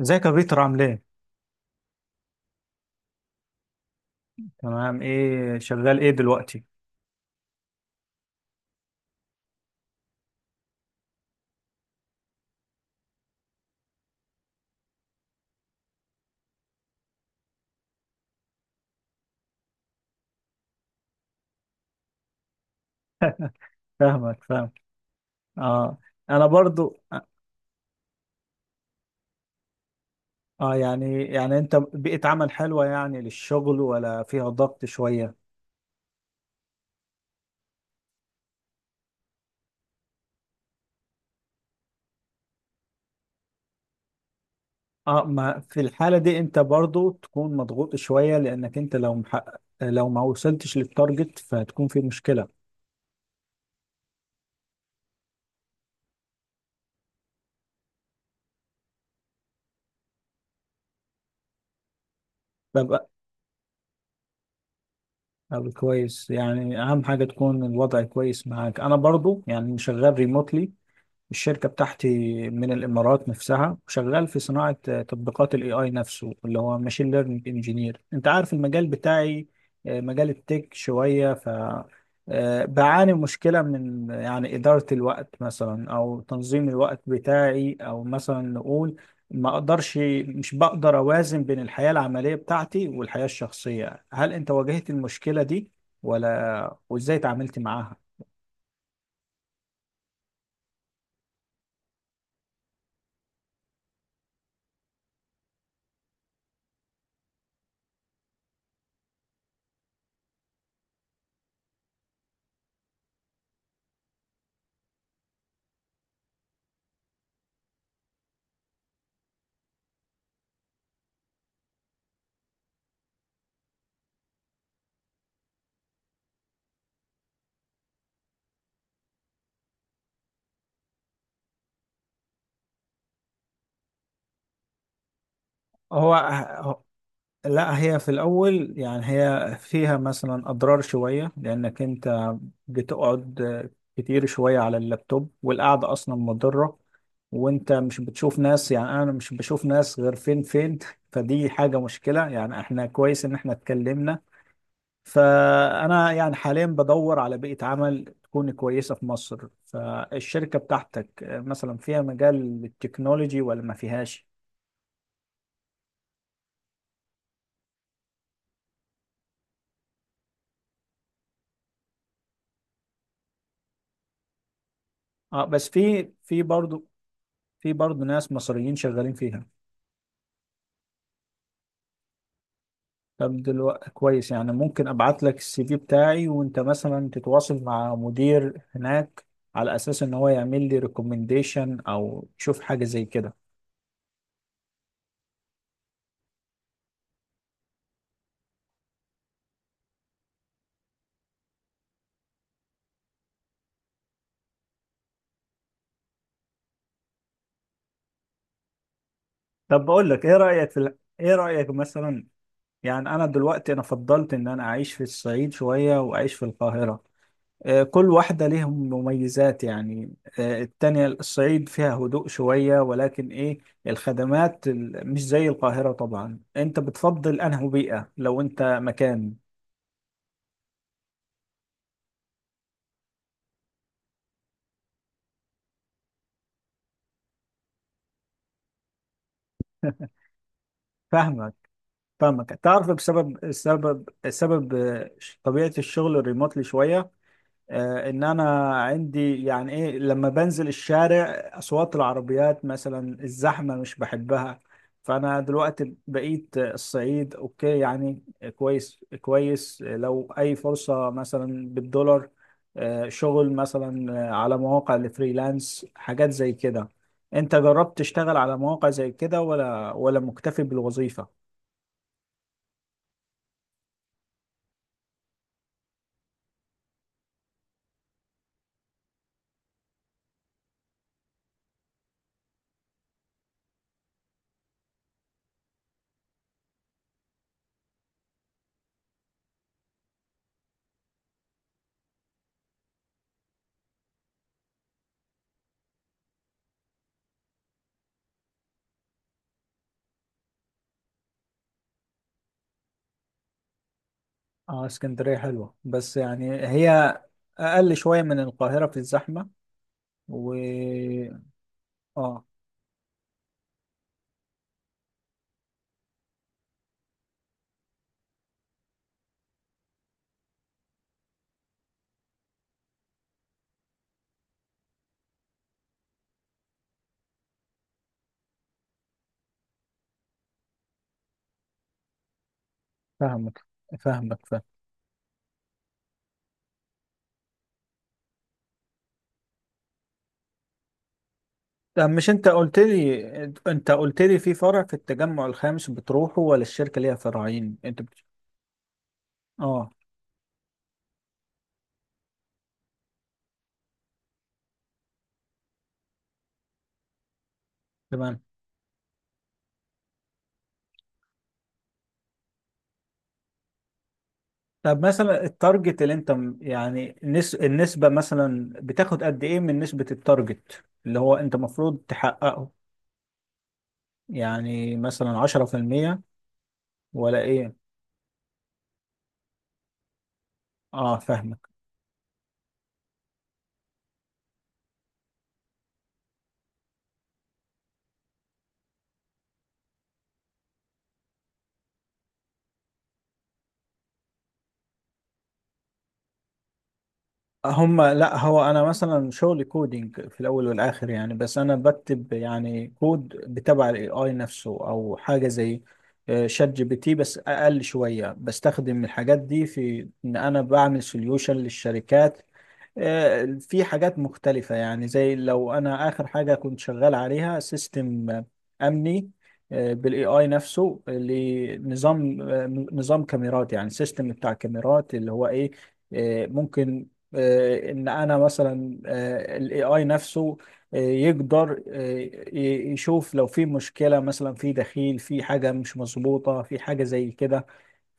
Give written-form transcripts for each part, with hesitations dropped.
ازيك يا بيتر، عامل ايه؟ تمام، ايه شغال ايه دلوقتي؟ فاهم. اه، انا برضو. اه، يعني انت بيئة عمل حلوة، يعني للشغل ولا فيها ضغط شوية؟ اه، ما في الحالة دي انت برضو تكون مضغوط شوية، لانك انت لو محقق، لو ما وصلتش للتارجت فهتكون في مشكلة. ببقى أو كويس، يعني اهم حاجة تكون الوضع كويس معاك. انا برضو يعني شغال ريموتلي، الشركة بتاعتي، من الإمارات نفسها، وشغال في صناعة تطبيقات ال AI نفسه، اللي هو ماشين ليرنينج انجينير. أنت عارف المجال بتاعي، مجال التك شوية. بعاني مشكلة من يعني إدارة الوقت مثلا، أو تنظيم الوقت بتاعي، أو مثلا نقول ما أقدرش، مش بقدر أوازن بين الحياة العملية بتاعتي والحياة الشخصية. هل أنت واجهت المشكلة دي ولا؟ وإزاي تعاملت معاها؟ هو لا، هي في الأول يعني هي فيها مثلا أضرار شوية، لأنك أنت بتقعد كتير شوية على اللابتوب، والقعدة أصلا مضرة. وأنت مش بتشوف ناس، يعني أنا مش بشوف ناس غير فين فدي حاجة مشكلة، يعني إحنا كويس إن إحنا اتكلمنا. فأنا يعني حاليا بدور على بيئة عمل تكون كويسة في مصر. فالشركة بتاعتك مثلا فيها مجال للتكنولوجي ولا ما فيهاش؟ أه، بس في برضه، برضه ناس مصريين شغالين فيها. طب دلوقتي كويس، يعني ممكن ابعت لك السي في بتاعي، وانت مثلا تتواصل مع مدير هناك، على اساس ان هو يعمل لي ريكومنديشن او تشوف حاجه زي كده. طب بقول لك ايه، ايه رايك مثلا، يعني انا دلوقتي انا فضلت ان انا اعيش في الصعيد شويه واعيش في القاهره. كل واحده ليهم مميزات يعني، التانية الصعيد فيها هدوء شويه، ولكن ايه، مش زي القاهره طبعا. انت بتفضل انهي بيئه لو انت مكان؟ فاهمك، فاهمك تعرف بسبب السبب طبيعة الشغل الريموتلي شوية، ان انا عندي يعني ايه، لما بنزل الشارع اصوات العربيات مثلا، الزحمة مش بحبها. فانا دلوقتي بقيت الصعيد اوكي يعني. كويس كويس. لو اي فرصة مثلا بالدولار، شغل مثلا على مواقع الفريلانس، حاجات زي كده. انت جربت تشتغل على مواقع زي كده ولا مكتفي بالوظيفة؟ اه، اسكندرية حلوة، بس يعني هي أقل شوية من القاهرة في الزحمة. و اه، فاهمك. فاهمك فاهم. طب، مش انت قلت لي، في فرع في التجمع الخامس بتروحه، ولا الشركة ليها فرعين اه، تمام. طب مثلا التارجت اللي يعني النسبة مثلا، بتاخد قد ايه من نسبة التارجت، اللي هو انت المفروض تحققه؟ يعني مثلا 10% ولا ايه؟ اه فاهمك. لا، هو انا مثلا شغلي كودينج في الاول والاخر يعني، بس انا بكتب يعني كود بتبع الاي اي نفسه، او حاجه زي شات جي بي تي، بس اقل شويه. بستخدم الحاجات دي في ان انا بعمل سوليوشن للشركات، في حاجات مختلفة يعني. زي لو أنا آخر حاجة كنت شغال عليها سيستم أمني، بالاي اي نفسه، لنظام نظام كاميرات، يعني سيستم بتاع كاميرات، اللي هو ايه، ممكن ان انا مثلا الاي اي نفسه يقدر يشوف لو في مشكلة، مثلا في دخيل، في حاجة مش مظبوطة، في حاجة زي كده.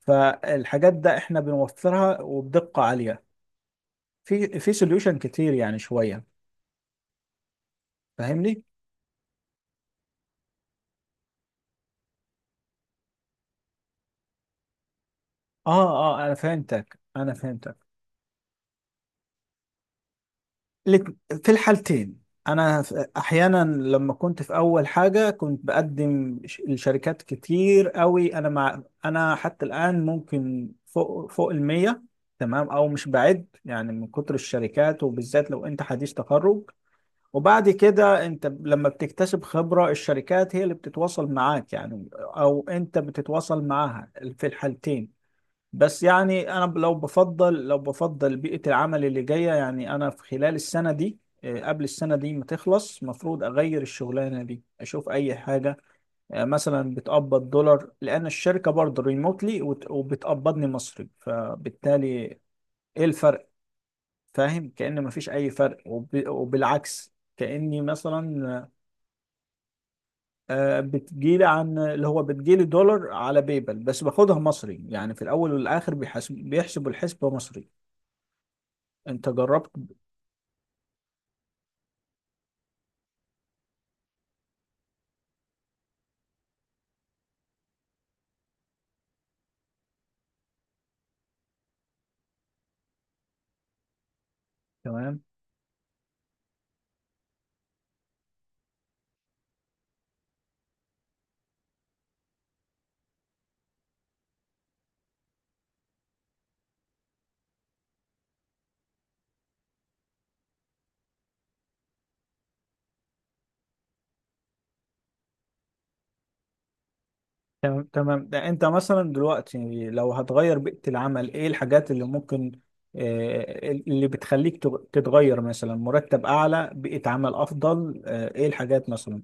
فالحاجات ده احنا بنوفرها، وبدقة عالية. في سوليوشن كتير، يعني شويه. فاهمني؟ اه اه، انا فهمتك. لك- في الحالتين، احيانا لما كنت في اول حاجه، كنت بقدم لشركات كتير قوي. انا حتى الان ممكن فوق المية، تمام، او مش بعيد يعني، من كتر الشركات، وبالذات لو انت حديث تخرج. وبعد كده انت لما بتكتسب خبره، الشركات هي اللي بتتواصل معاك يعني، او انت بتتواصل معاها. في الحالتين. بس يعني انا لو بفضل بيئة العمل اللي جاية يعني، انا في خلال السنة دي قبل السنة دي ما تخلص، مفروض اغير الشغلانة دي، اشوف اي حاجة مثلا بتقبض دولار. لان الشركة برضه ريموتلي، وبتقبضني مصري، فبالتالي ايه الفرق؟ فاهم؟ كأن مفيش اي فرق، وبالعكس كأني مثلا بتجيلي، عن اللي هو بتجيلي دولار على بيبل، بس باخدها مصري، يعني في الاول والاخر بيحسب، الحسبة مصري. انت جربت؟ تمام تمام تمام. ده انت مثلا دلوقتي لو هتغير بيئة العمل، ايه الحاجات اللي ممكن اللي بتخليك تتغير؟ مثلا مرتب اعلى، بيئة عمل افضل، ايه الحاجات مثلا؟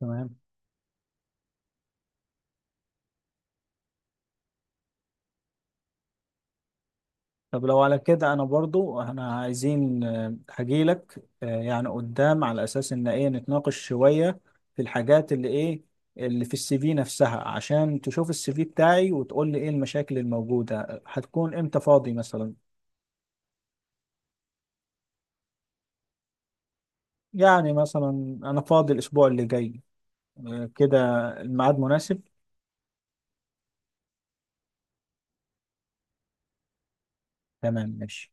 تمام. طب لو على كده، انا برضو احنا عايزين هجيلك يعني قدام، على اساس ان ايه، نتناقش شوية في الحاجات اللي ايه، اللي في السي في نفسها، عشان تشوف السي في بتاعي، وتقول لي ايه المشاكل الموجودة. هتكون امتى فاضي مثلا؟ يعني مثلا أنا فاضي الأسبوع اللي جاي كده. الميعاد مناسب؟ تمام ماشي.